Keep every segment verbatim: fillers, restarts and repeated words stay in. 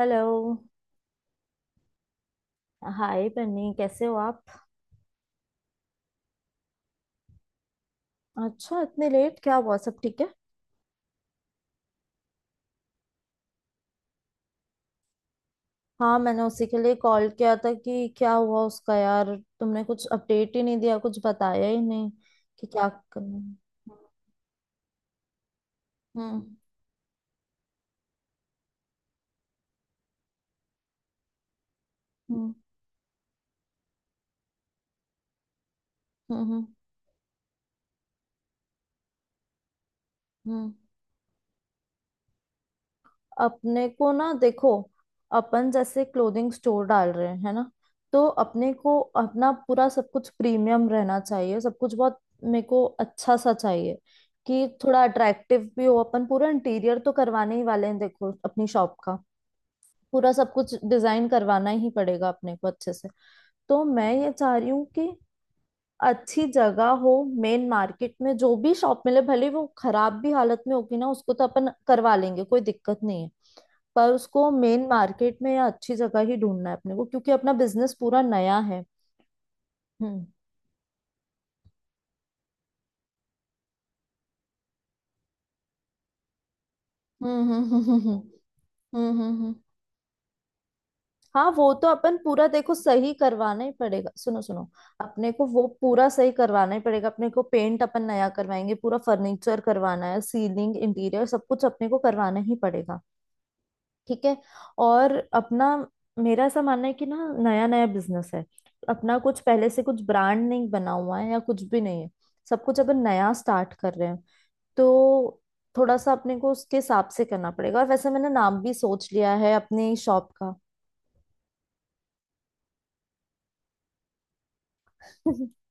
Hello. Hi Bunny, कैसे हो आप। अच्छा, इतने लेट क्या हुआ, सब ठीक है। हाँ, मैंने उसी के लिए कॉल किया था कि क्या हुआ उसका। यार तुमने कुछ अपडेट ही नहीं दिया, कुछ बताया ही नहीं कि क्या करना है। हम्म, हम्म, हम्म, हम्म, हम्म, हम्म। अपने को ना देखो, अपन जैसे क्लोथिंग स्टोर डाल रहे हैं, है ना। तो अपने को अपना पूरा सब कुछ प्रीमियम रहना चाहिए, सब कुछ बहुत मेरे को अच्छा सा चाहिए, कि थोड़ा अट्रैक्टिव भी हो। अपन पूरा इंटीरियर तो करवाने ही वाले हैं, देखो अपनी शॉप का। पूरा सब कुछ डिजाइन करवाना ही पड़ेगा अपने को अच्छे से। तो मैं ये चाह रही हूँ कि अच्छी जगह हो। मेन मार्केट में जो भी शॉप मिले, भले वो खराब भी हालत में होगी ना, उसको तो अपन करवा लेंगे, कोई दिक्कत नहीं है। पर उसको मेन मार्केट में या अच्छी जगह ही ढूंढना है अपने को, क्योंकि अपना बिजनेस पूरा नया है। हम्म, हम्म, हम्म, हम्म, हम्म, हम्म, हम्म, हम्म। हाँ, वो तो अपन पूरा देखो सही करवाना ही पड़ेगा। सुनो सुनो, अपने को वो पूरा सही करवाना ही पड़ेगा। अपने को पेंट अपन नया करवाएंगे, पूरा फर्नीचर करवाना है, सीलिंग, इंटीरियर, सब कुछ अपने को करवाना ही पड़ेगा। ठीक है। और अपना, मेरा ऐसा मानना है कि ना, नया नया बिजनेस है अपना, कुछ पहले से कुछ ब्रांड नहीं बना हुआ है या कुछ भी नहीं है, सब कुछ अपन नया स्टार्ट कर रहे हैं। तो थोड़ा सा अपने को उसके हिसाब से करना पड़ेगा। और वैसे, मैंने नाम भी सोच लिया है अपनी शॉप का।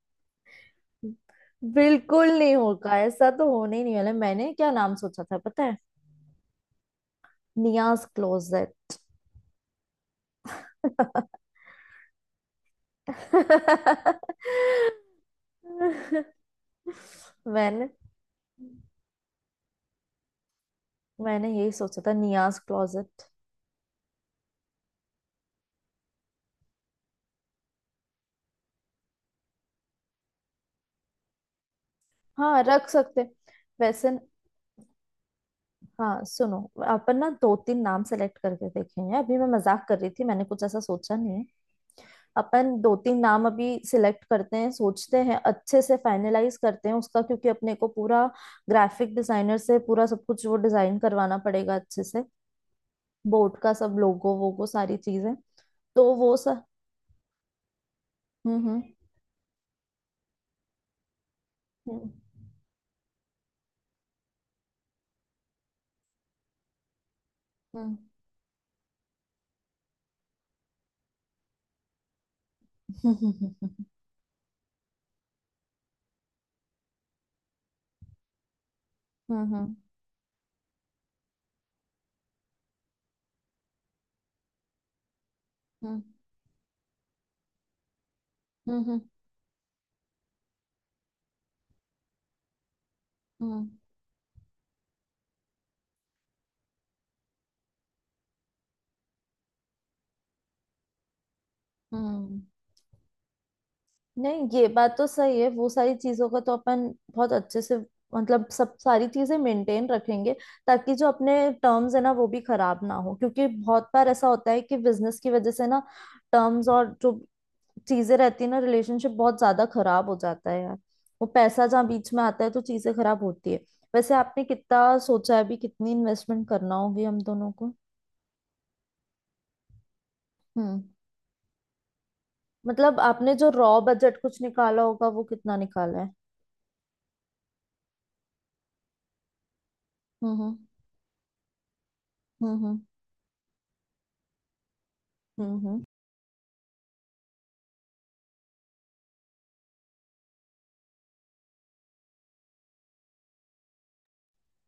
बिल्कुल नहीं होगा, ऐसा तो होने ही नहीं वाला है। मैंने क्या नाम सोचा था पता है, नियाज क्लोजेट। मैंने मैंने यही सोचा था, नियाज क्लोजेट। हाँ, रख सकते वैसे। हाँ, सुनो। अपन ना दो तीन नाम सेलेक्ट करके देखेंगे। अभी मैं मजाक कर रही थी, मैंने कुछ ऐसा सोचा नहीं है। अपन दो तीन नाम अभी सिलेक्ट करते हैं, सोचते हैं, अच्छे से फाइनलाइज करते हैं उसका। क्योंकि अपने को पूरा ग्राफिक डिजाइनर से पूरा सब कुछ वो डिजाइन करवाना पड़ेगा अच्छे से। बोर्ड का सब लोगो वोगो सारी चीजें, तो वो सब। हम्म, हम्म, हम्म, हम्म, हम्म, हम्म, हम्म, हम्म, हम्म, हम्म, हम्म, हम्म। हम्म। नहीं, ये बात तो सही है। वो सारी चीजों का तो अपन बहुत अच्छे से, मतलब सब सारी चीजें मेंटेन रखेंगे, ताकि जो अपने टर्म्स है ना, वो भी खराब ना हो। क्योंकि बहुत बार ऐसा होता है कि बिजनेस की वजह से ना, टर्म्स और जो चीजें रहती है ना, रिलेशनशिप बहुत ज्यादा खराब हो जाता है यार। वो पैसा जहाँ बीच में आता है, तो चीजें खराब होती है। वैसे आपने कितना सोचा है अभी, कितनी इन्वेस्टमेंट करना होगी हम दोनों को। हम्म, मतलब आपने जो रॉ बजट कुछ निकाला होगा वो कितना निकाला है। हम्म, हम्म, हम्म, हम्म। हम्म, हम्म।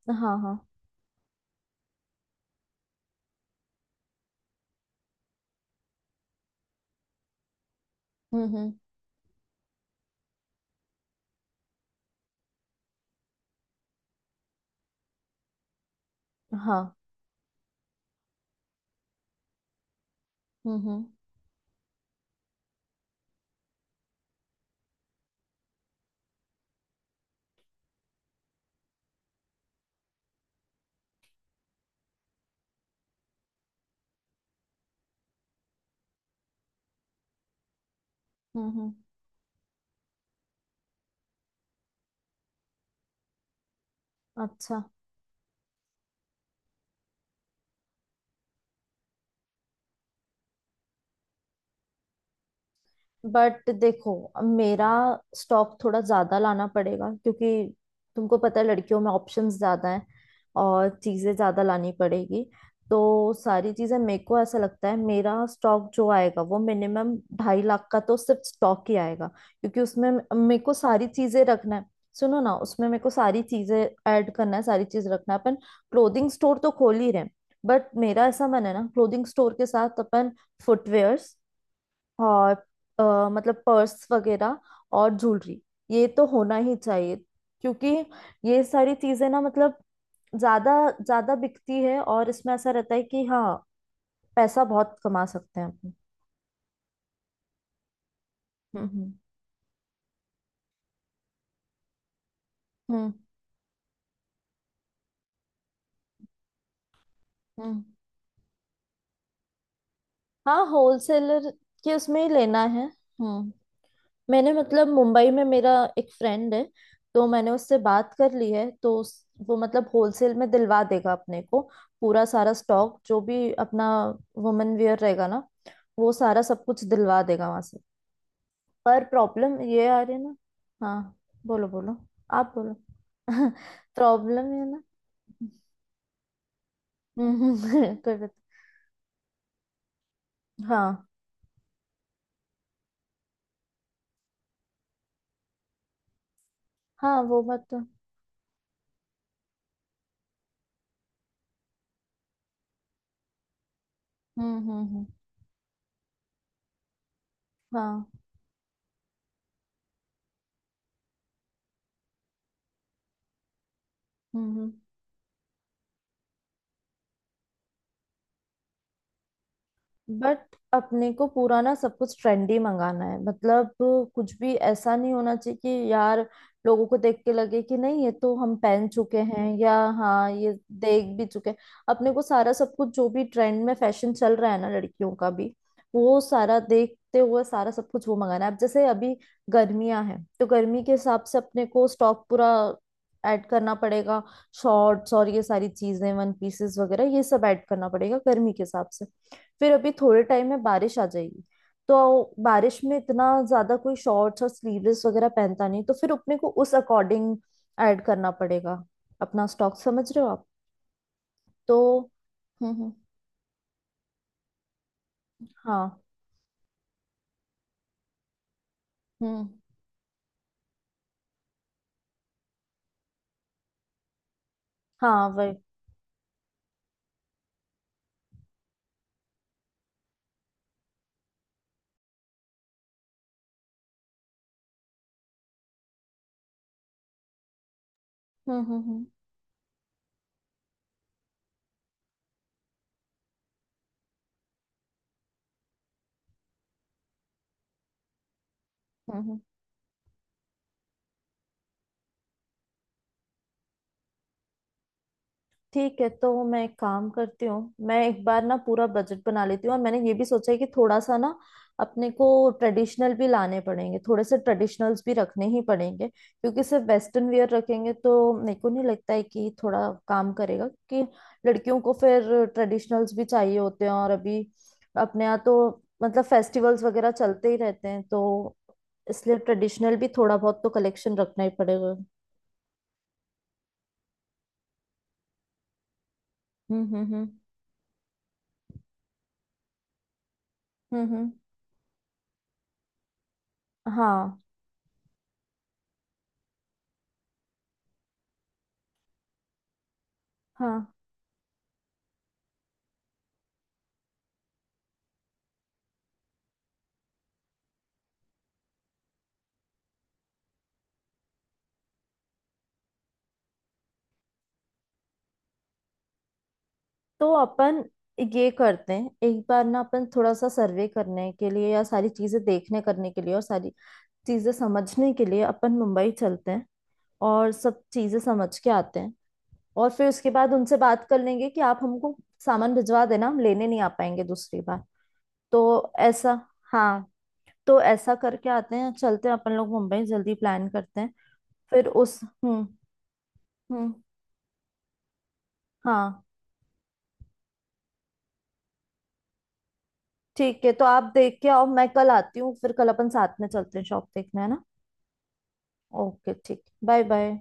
हाँ, हाँ। हम्म, हम्म। हाँ, हम्म, हम्म, हम्म, हम्म, अच्छा। बट देखो, मेरा स्टॉक थोड़ा ज्यादा लाना पड़ेगा, क्योंकि तुमको पता है, लड़कियों में ऑप्शंस ज्यादा हैं और चीजें ज्यादा लानी पड़ेगी। तो सारी चीजें, मेरे को ऐसा लगता है मेरा स्टॉक जो आएगा वो मिनिमम ढाई लाख का तो सिर्फ स्टॉक ही आएगा। क्योंकि उसमें मे- मेरे को सारी चीजें रखना है। सुनो ना, उसमें मेरे को सारी चीजें ऐड करना है, सारी चीज रखना है। अपन क्लोथिंग स्टोर तो खोल ही रहे हैं, बट मेरा ऐसा मन है ना, क्लोथिंग स्टोर के साथ अपन फुटवेयर और अ, मतलब पर्स वगैरह और ज्वेलरी, ये तो होना ही चाहिए। क्योंकि ये सारी चीजें ना, मतलब ज्यादा ज्यादा बिकती है, और इसमें ऐसा रहता है कि हाँ, पैसा बहुत कमा सकते हैं अपन। हम्म, हम्म, हम्म, हम्म। हाँ, होलसेलर के उसमें ही लेना है। हम्म। मैंने, मतलब मुंबई में मेरा एक फ्रेंड है, तो मैंने उससे बात कर ली है, तो उस- वो मतलब होलसेल में दिलवा देगा अपने को। पूरा सारा स्टॉक जो भी अपना वुमेन वेयर रहेगा ना, वो सारा सब कुछ दिलवा देगा वहां से। पर प्रॉब्लम ये आ रही है ना। हाँ, बोलो बोलो, आप बोलो। प्रॉब्लम है ना। हम्म, हम्म। कोई बात। हाँ, हाँ, वो बात तो। हम्म, हम्म, हम्म। हाँ, हम्म, हम्म। बट अपने को पूरा ना सब कुछ ट्रेंडी मंगाना है, मतलब कुछ भी ऐसा नहीं होना चाहिए कि यार, लोगों को देख के लगे कि नहीं, ये तो हम पहन चुके हैं, या हाँ, ये देख भी चुके हैं। अपने को सारा सब कुछ जो भी ट्रेंड में फैशन चल रहा है ना, लड़कियों का भी, वो सारा देखते हुए सारा सब कुछ वो मंगाना है। अब जैसे अभी गर्मियां हैं, तो गर्मी के हिसाब से अपने को स्टॉक पूरा ऐड करना पड़ेगा। शॉर्ट्स और ये सारी चीजें, वन पीसेस वगैरह, ये सब ऐड करना पड़ेगा गर्मी के हिसाब से। फिर अभी थोड़े टाइम में बारिश आ जाएगी, तो बारिश में इतना ज्यादा कोई शॉर्ट्स और स्लीवलेस वगैरह पहनता नहीं, तो फिर अपने को उस अकॉर्डिंग ऐड करना पड़ेगा अपना स्टॉक। समझ रहे हो आप। तो हम्म, हम्म। हाँ, हम्म। हाँ वही। हम्म, हम्म, हम्म, हम्म, हम्म। ठीक है, तो मैं एक काम करती हूँ, मैं एक बार ना पूरा बजट बना लेती हूँ। और मैंने ये भी सोचा है कि थोड़ा सा ना अपने को ट्रेडिशनल भी लाने पड़ेंगे, थोड़े से ट्रेडिशनल्स भी रखने ही पड़ेंगे। क्योंकि सिर्फ वेस्टर्न वियर रखेंगे तो मेरे को नहीं लगता है कि थोड़ा काम करेगा, क्योंकि लड़कियों को फिर ट्रेडिशनल्स भी चाहिए होते हैं। और अभी अपने यहाँ तो, मतलब फेस्टिवल्स वगैरह चलते ही रहते हैं, तो इसलिए ट्रेडिशनल भी थोड़ा बहुत तो कलेक्शन रखना ही पड़ेगा। हम्म, हम्म, हम्म, हम्म, हम्म। हाँ, हाँ। तो अपन ये करते हैं, एक बार ना अपन थोड़ा सा सर्वे करने के लिए, या सारी चीजें देखने करने के लिए और सारी चीजें समझने के लिए, अपन मुंबई चलते हैं और सब चीजें समझ के आते हैं। और फिर उसके बाद उनसे बात कर लेंगे कि आप हमको सामान भिजवा देना, हम लेने नहीं आ पाएंगे दूसरी बार। तो ऐसा। हाँ, तो ऐसा करके आते हैं, चलते हैं अपन लोग, मुंबई जल्दी प्लान करते हैं। फिर उस हम्म, हम्म। हाँ, ठीक है तो आप देख के आओ, मैं कल आती हूँ, फिर कल अपन साथ में चलते हैं शॉप देखने, है ना। ओके, ठीक, बाय बाय।